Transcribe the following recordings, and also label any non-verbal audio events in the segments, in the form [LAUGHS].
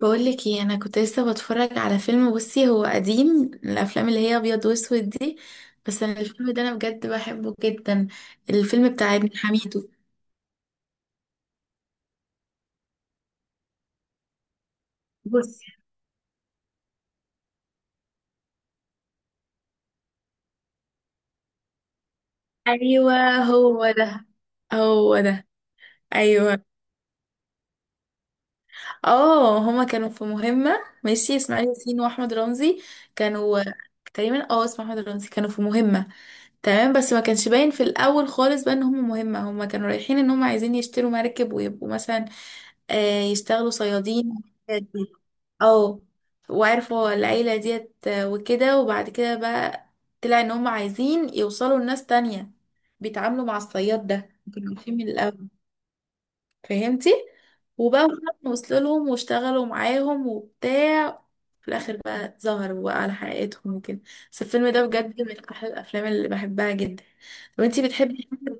بقولك ايه؟ انا كنت لسه بتفرج على فيلم. بصي، هو قديم، من الافلام اللي هي ابيض واسود دي. بس انا الفيلم ده انا بجد بحبه جدا. الفيلم بتاع ابن حميدو. بصي. ايوه، هو ده هو ده. ايوه. اه هما كانوا في مهمه. ماشي، اسماعيل ياسين واحمد رمزي كانوا تقريبا، اسمه احمد رمزي، كانوا في مهمه. تمام، بس ما كانش باين في الاول خالص بقى ان هم مهمه، هم كانوا رايحين ان هم عايزين يشتروا مركب ويبقوا مثلا، يشتغلوا صيادين والحاجات دي. اه وعرفوا العيلة ديت، وكده. وبعد كده بقى طلع ان هم عايزين يوصلوا لناس تانية، بيتعاملوا مع الصياد ده، كانوا عارفين من الأول. فهمتي. وبقى وصلوا لهم واشتغلوا معاهم وبتاع. في الآخر بقى ظهروا بقى على حقيقتهم وكده. بس الفيلم ده بجد من أحلى الأفلام اللي بحبها جدا. طب انتي بتحبي إيه؟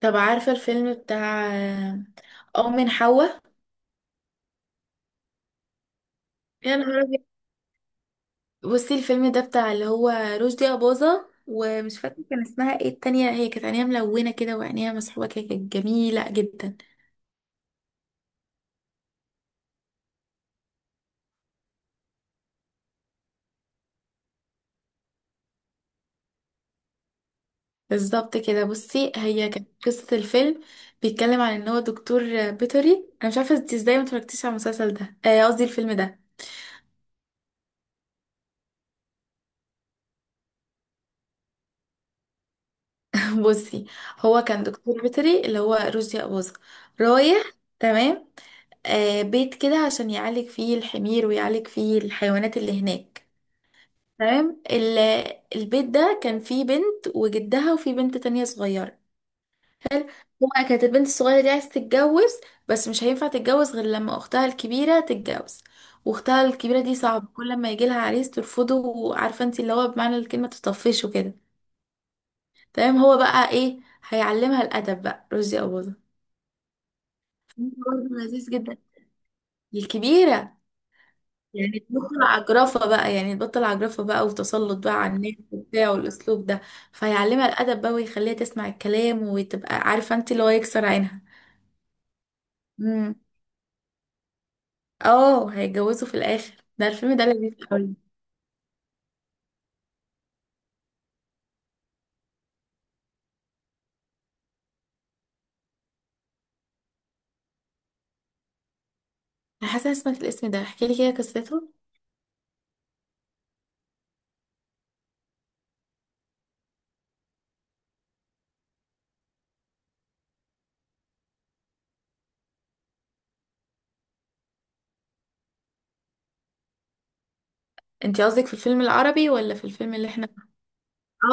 طب عارفة الفيلم بتاع أم من حواء؟ يا نهار أبيض. بصي، الفيلم ده بتاع اللي هو رشدي أباظة، ومش فاكرة كان اسمها ايه التانية، هي كانت عينيها ملونة كده وعينيها مسحوبة كده، كانت جميلة جدا. بالظبط كده. بصي، هي كانت قصة الفيلم، بيتكلم عن ان هو دكتور بيطري. انا مش عارفة انت ازاي ما اتفرجتيش على المسلسل ده، قصدي الفيلم ده. [LAUGHS] بصي، هو كان دكتور بيطري اللي هو رشدي أباظة. رايح، تمام، بيت كده عشان يعالج فيه الحمير ويعالج فيه الحيوانات اللي هناك. تمام. البيت ده كان فيه بنت وجدها وفيه بنت تانية صغيرة. حلو. هو كانت البنت الصغيرة دي عايزة تتجوز، بس مش هينفع تتجوز غير لما أختها الكبيرة تتجوز، وأختها الكبيرة دي صعبة، كل ما يجيلها عريس ترفضه، وعارفة انت اللي هو بمعنى الكلمة تطفش وكده. تمام. هو بقى ايه؟ هيعلمها الأدب بقى رشدي أباظة. فيلم برضه لذيذ جدا. الكبيرة. يعني تبطل عجرفة بقى، يعني تبطل عجرفة بقى، وتسلط بقى على الناس وبتاع، والأسلوب ده. فيعلمها الأدب بقى ويخليها تسمع الكلام وتبقى عارفة انت اللي هو يكسر عينها. امم. اه، هيتجوزوا في الآخر. ده الفيلم ده لذيذ قوي. أنا حاسة إني سمعت الاسم ده، احكي لي كده قصته. انت قصدك في الفيلم العربي ولا في الفيلم اللي احنا؟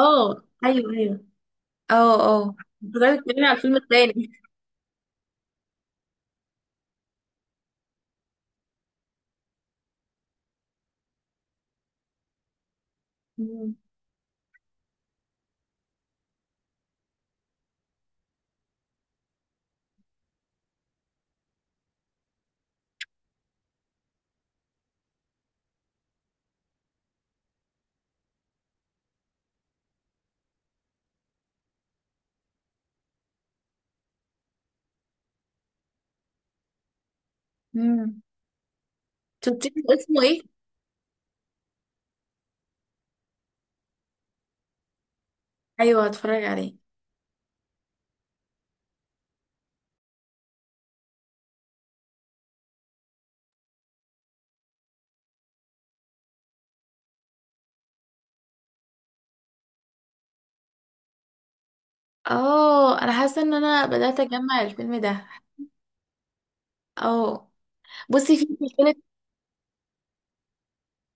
اه، ايوه ايوه. اه اه، انت قاعدة تتكلمي على الفيلم التاني. امم امم. شفتي اسمه ايه؟ ايوه، هتفرج عليه. اه، انا حاسه ان انا بدات اجمع الفيلم ده. اه. بصي، في سلسلة،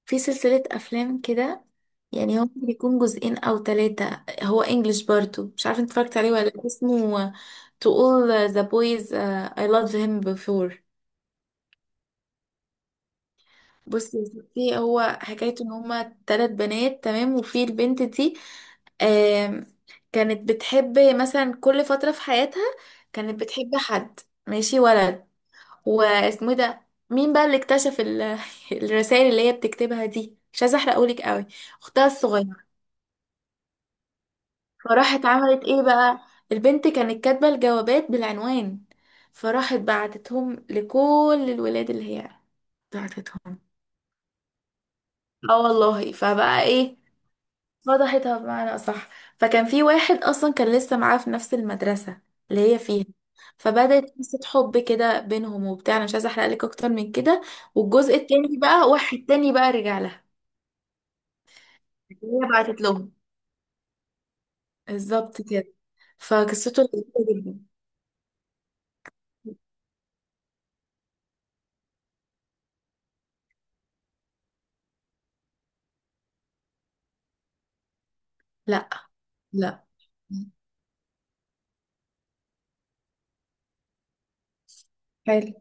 أفلام كده. يعني هو ممكن يكون جزئين أو ثلاثة، هو انجلش برضو، مش عارفة انت اتفرجت عليه ولا لأ، اسمه To All the Boys I Loved Him Before. بصي يا ستي، هو حكايته ان هما ثلاث بنات، تمام، وفي البنت دي، آم، كانت بتحب مثلا كل فترة في حياتها، كانت بتحب حد، ماشي، ولد. واسمه إيه ده؟ مين بقى اللي اكتشف [LAUGHS] الرسائل اللي هي بتكتبها دي؟ مش عايزه احرقهولك قوي. اختها الصغيره. فراحت عملت ايه بقى؟ البنت كانت كاتبه الجوابات بالعنوان، فراحت بعتتهم لكل الولاد اللي هي بعتتهم. اه والله. فبقى ايه؟ فضحتها بمعنى أصح. فكان في واحد أصلا كان لسه معاه في نفس المدرسة اللي هي فيها، فبدأت قصة حب كده بينهم وبتاع. أنا مش عايزة أحرق لك أكتر من كده. والجزء التاني بقى واحد تاني بقى رجع لها. هي بعتت لهم. بالظبط كده. فقصته لذيذة جدا. لا لا. حلو.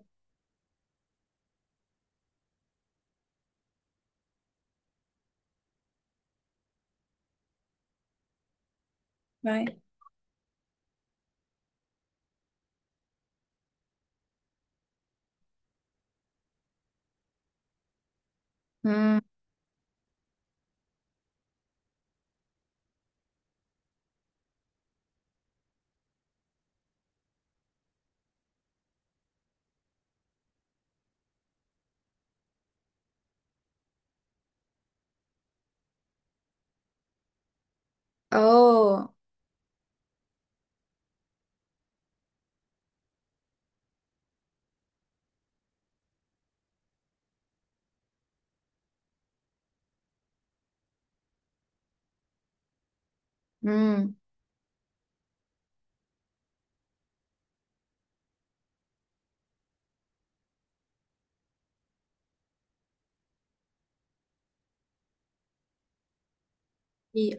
معايا. امم. اه. امم.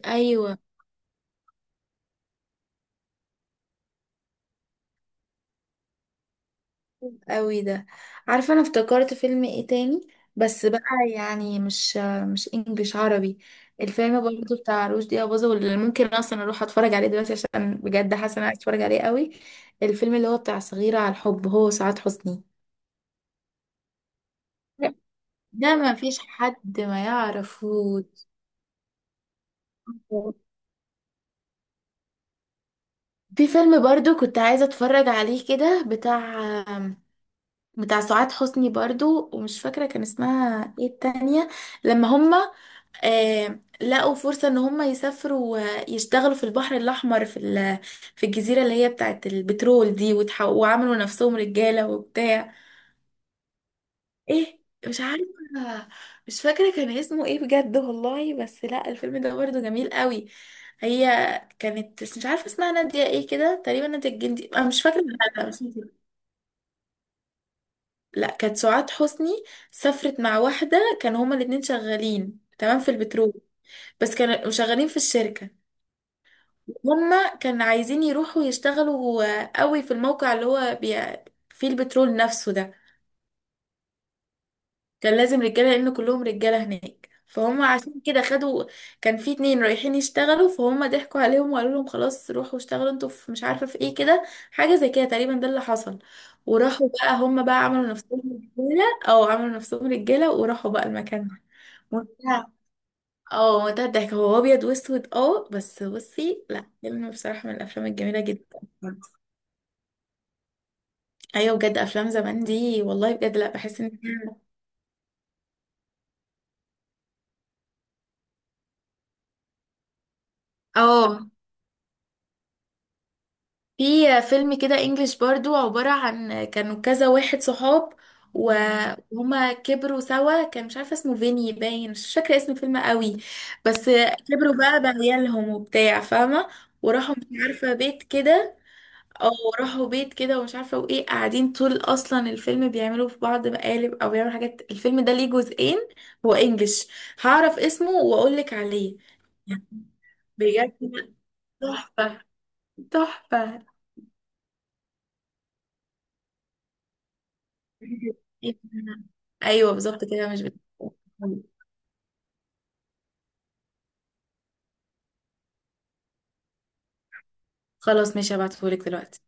ايوه. قوي ده. عارفه انا افتكرت فيلم ايه تاني. بس بقى، يعني مش انجليش، عربي. الفيلم برضه بتاع رشدي اباظة، واللي ممكن اصلا اروح اتفرج عليه دلوقتي عشان بجد حاسه إن انا عايز اتفرج عليه قوي. الفيلم اللي هو بتاع صغيره على الحب، هو سعاد حسني. ده ما فيش حد ما يعرفه. في فيلم برضو كنت عايزة اتفرج عليه كده، بتاع سعاد حسني برضو، ومش فاكرة كان اسمها ايه التانية. لما هما، لقوا فرصة ان هم يسافروا، يشتغلوا في البحر الاحمر في الجزيرة اللي هي بتاعت البترول دي، وعملوا نفسهم رجالة وبتاع. ايه؟ مش عارفة، مش فاكرة كان اسمه ايه بجد والله. بس لا، الفيلم ده برضه جميل قوي. هي كانت مش عارفة اسمها، نادية ايه كده تقريبا، نادية الجندي، انا مش فاكرة. لا لا، مش نادية. لا، كانت سعاد حسني. سافرت مع واحدة، كانوا هما الاتنين شغالين، تمام، في البترول، بس كانوا شغالين في الشركة. هما كان عايزين يروحوا يشتغلوا قوي في الموقع اللي هو فيه البترول نفسه ده. كان لازم رجالة لأن كلهم رجالة هناك، فهم عشان كده خدوا، كان في اتنين رايحين يشتغلوا، فهم ضحكوا عليهم وقالوا لهم خلاص روحوا اشتغلوا انتوا في، مش عارفة، في ايه كده، حاجة زي كده تقريبا، ده اللي حصل. وراحوا بقى هم بقى عملوا نفسهم رجالة، او عملوا نفسهم رجالة وراحوا بقى المكان ده. منتهى اه منتهى الضحك. هو ابيض واسود، بس بصي، لا فيلم بصراحة من الافلام الجميلة جدا. ايوه بجد، افلام زمان دي والله بجد، لا بحس ان هي. اه، في فيلم كده انجليش برضو، عبارة عن كانوا كذا واحد صحاب و- وهما كبروا سوا، كان مش عارفة اسمه، فيني باين مش فاكرة اسم الفيلم قوي. بس كبروا بقى بعيالهم وبتاع فاهمة، وراحوا مش عارفة بيت كده، او راحوا بيت كده ومش عارفة وايه، قاعدين طول اصلا الفيلم بيعملوا في بعض مقالب او بيعملوا حاجات. الفيلم ده ليه جزئين، هو انجليش. هعرف اسمه واقولك عليه. بجد لا، تحفة تحفة. ايوه بالظبط كده. مش بت... خلاص ماشي، هبعتهولك دلوقتي.